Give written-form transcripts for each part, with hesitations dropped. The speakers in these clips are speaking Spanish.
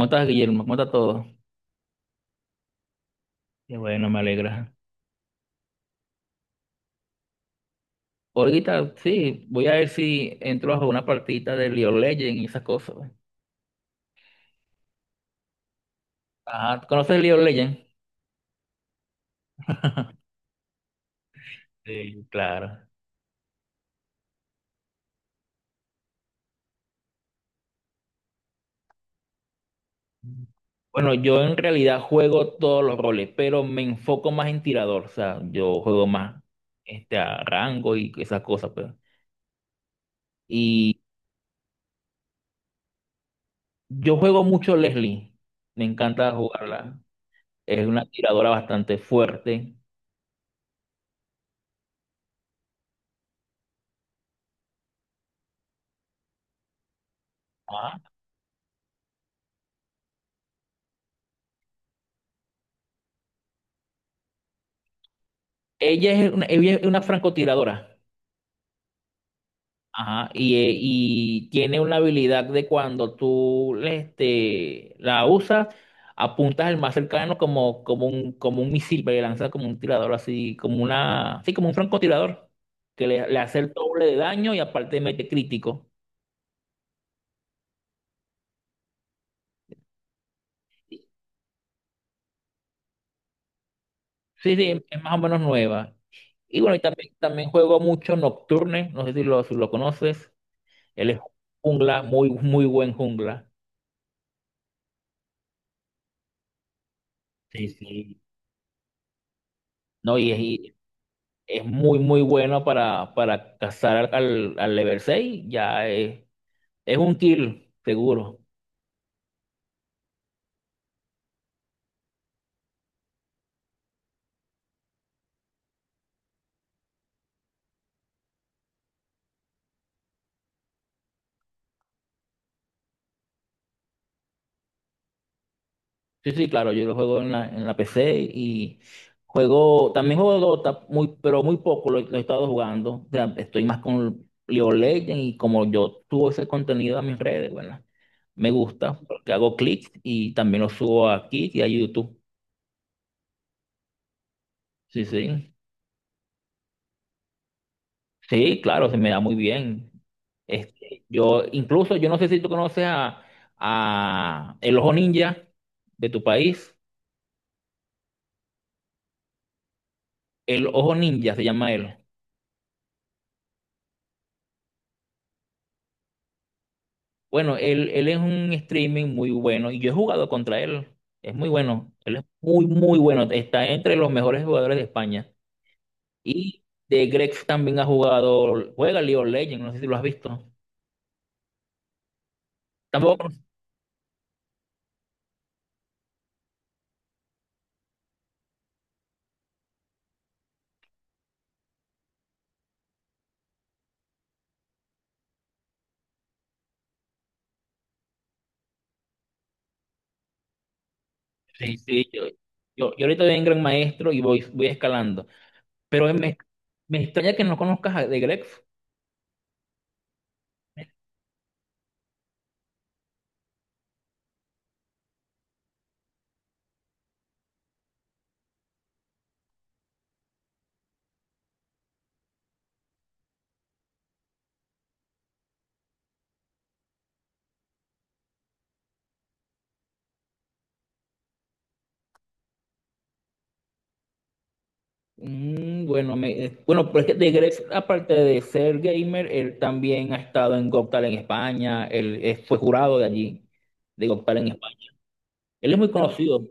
Mota a Guillermo, mota a todos. Qué bueno, me alegra. Ahorita sí, voy a ver si entro a una partidita de League of Legends y esas cosas. Ajá, ¿conoces League of Legends? Sí, claro. Bueno, yo en realidad juego todos los roles, pero me enfoco más en tirador. O sea, yo juego más a rango y esas cosas, pues. Y yo juego mucho Leslie. Me encanta jugarla. Es una tiradora bastante fuerte. Ajá. Ella es una francotiradora. Ajá, y tiene una habilidad de cuando tú le la usas, apuntas el más cercano como, como un misil, pero le lanzas como un tirador, así como un francotirador, que le hace el doble de daño y aparte mete crítico. Sí, sí, es más o menos nueva. Y bueno, y también juego mucho Nocturne, no sé si lo conoces. Él es jungla, muy, muy buen jungla. Sí, sí. No, y es muy, muy bueno para cazar al level 6. Ya es un kill, seguro. Sí, sí, claro, yo lo juego en la PC y también juego Dota, muy, pero muy poco lo he estado jugando. O sea, estoy más con League of Legends y, como yo subo ese contenido a mis redes, bueno, me gusta porque hago clics y también lo subo aquí y a YouTube. Sí, sí. Sí, claro, se me da muy bien. Este, yo, incluso, yo no sé si tú conoces a, el Ojo Ninja de tu país. El Ojo Ninja se llama él. Bueno, él es un streaming muy bueno y yo he jugado contra él. Es muy bueno. Él es muy, muy bueno. Está entre los mejores jugadores de España. Y de Grex también ha jugado, juega League of Legends, no sé si lo has visto. Tampoco. Sí, sí, yo ahorita voy en Gran Maestro y voy escalando. Pero me extraña que no conozcas a The Gref. Mm, bueno, pero es que The Gref, aparte de ser gamer, él también ha estado en Got Talent en España, él fue jurado de allí, de Got Talent en España. Él es muy conocido.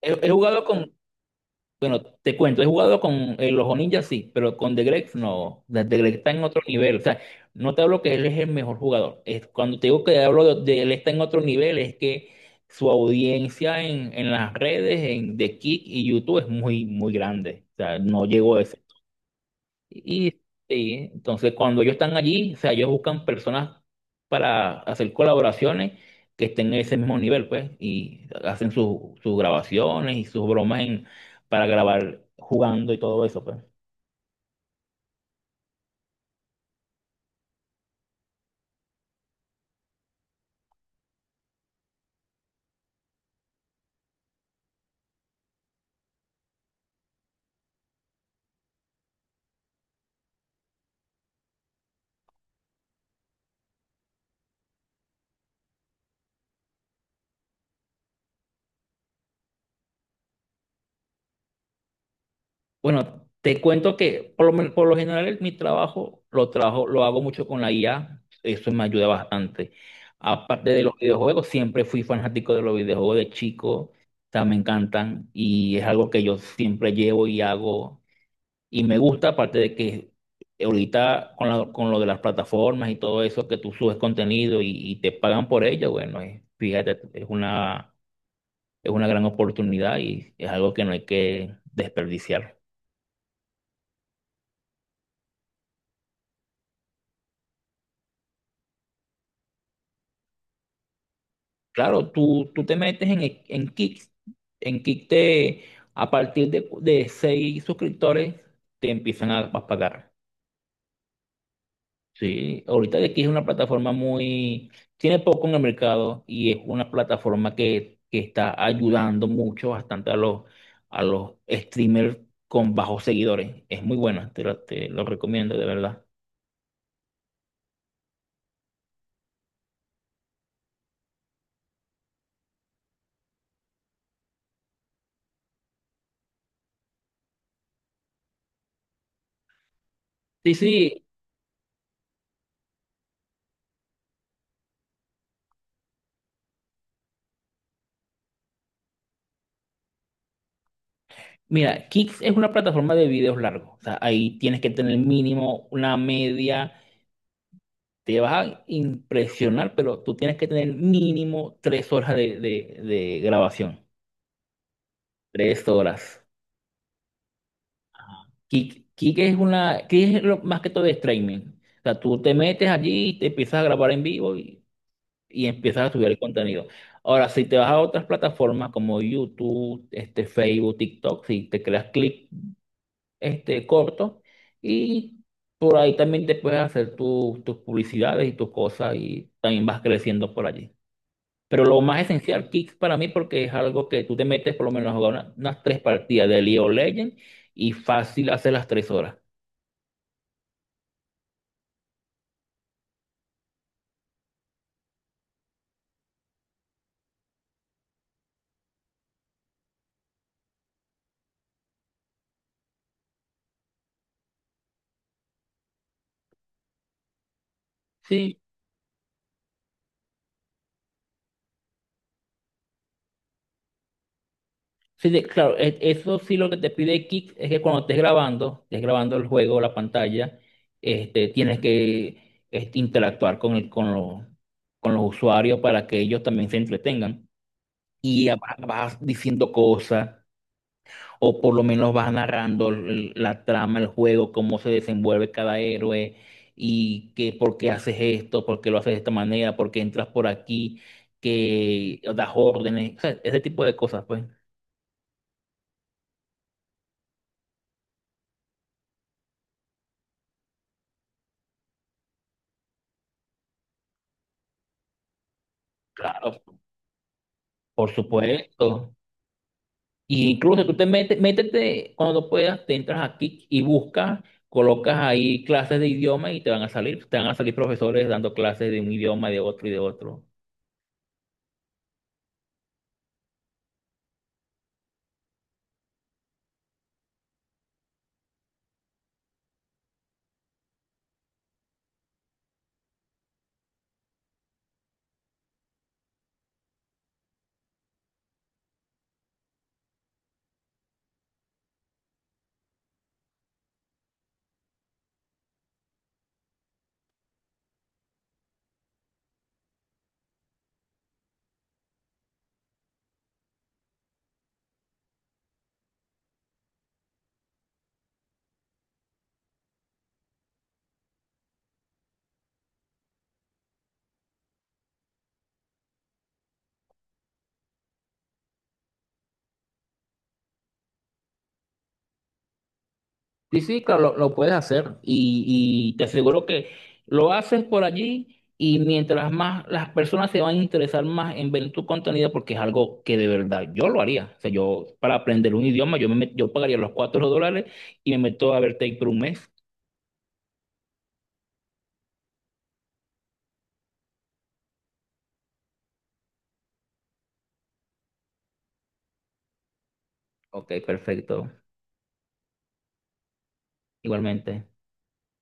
He, he jugado con, Bueno, te cuento, he jugado con el Ojo Ninja, sí, pero con The Greg no. The Greg está en otro nivel. O sea, no te hablo que él es el mejor jugador. Es, cuando te digo que hablo de él está en otro nivel, es que su audiencia en las redes, en The Kick y YouTube es muy, muy grande. O sea, no llegó a, y, sí, entonces cuando ellos están allí, o sea, ellos buscan personas para hacer colaboraciones que estén en ese mismo nivel, pues, y hacen sus grabaciones y sus bromas en, para grabar jugando y todo eso, pues. Bueno, te cuento que, por lo general, mi trabajo lo hago mucho con la IA, eso me ayuda bastante. Aparte de los videojuegos, siempre fui fanático de los videojuegos de chico, o sea, me encantan y es algo que yo siempre llevo y hago. Y me gusta, aparte de que ahorita, con lo de las plataformas y todo eso, que tú subes contenido y te pagan por ello, bueno, fíjate, es una gran oportunidad y es algo que no hay que desperdiciar. Claro, tú te metes en Kick, a partir de seis suscriptores te empiezan a pagar. Sí, ahorita, de aquí es una plataforma muy, tiene poco en el mercado, y es una plataforma que está ayudando mucho, bastante, a los streamers con bajos seguidores. Es muy buena, te lo recomiendo de verdad. Sí, sí, mira, Kicks es una plataforma de videos largos. O sea, ahí tienes que tener mínimo una media, te vas a impresionar, pero tú tienes que tener mínimo 3 horas de grabación. 3 horas. Kik es más que todo de streaming. O sea, tú te metes allí y te empiezas a grabar en vivo y empiezas a subir el contenido. Ahora, si te vas a otras plataformas como YouTube, Facebook, TikTok, si te creas clip corto, y por ahí también te puedes hacer tus publicidades y tus cosas y también vas creciendo por allí. Pero lo más esencial, Kik, para mí, porque es algo que tú te metes por lo menos a jugar unas tres partidas de League of Legends y fácil hacer las 3 horas. Sí, sí, claro, eso sí, lo que te pide Kick es que, cuando estés grabando el juego, la pantalla, tienes que interactuar con los usuarios para que ellos también se entretengan. Vas diciendo cosas, o por lo menos vas narrando la trama, el juego, cómo se desenvuelve cada héroe, y que por qué haces esto, por qué lo haces de esta manera, por qué entras por aquí, que das órdenes, o sea, ese tipo de cosas, pues. Claro, por supuesto. Y incluso, tú te metes, métete cuando puedas, te entras aquí y buscas, colocas ahí clases de idioma y te van a salir profesores dando clases de un idioma, de otro y de otro. Sí, sí, claro, lo puedes hacer, y te aseguro que lo haces por allí y mientras más, las personas se van a interesar más en ver tu contenido, porque es algo que de verdad yo lo haría. O sea, yo, para aprender un idioma, yo pagaría los $4 y me meto a ver Take por un mes. Ok, perfecto. Igualmente.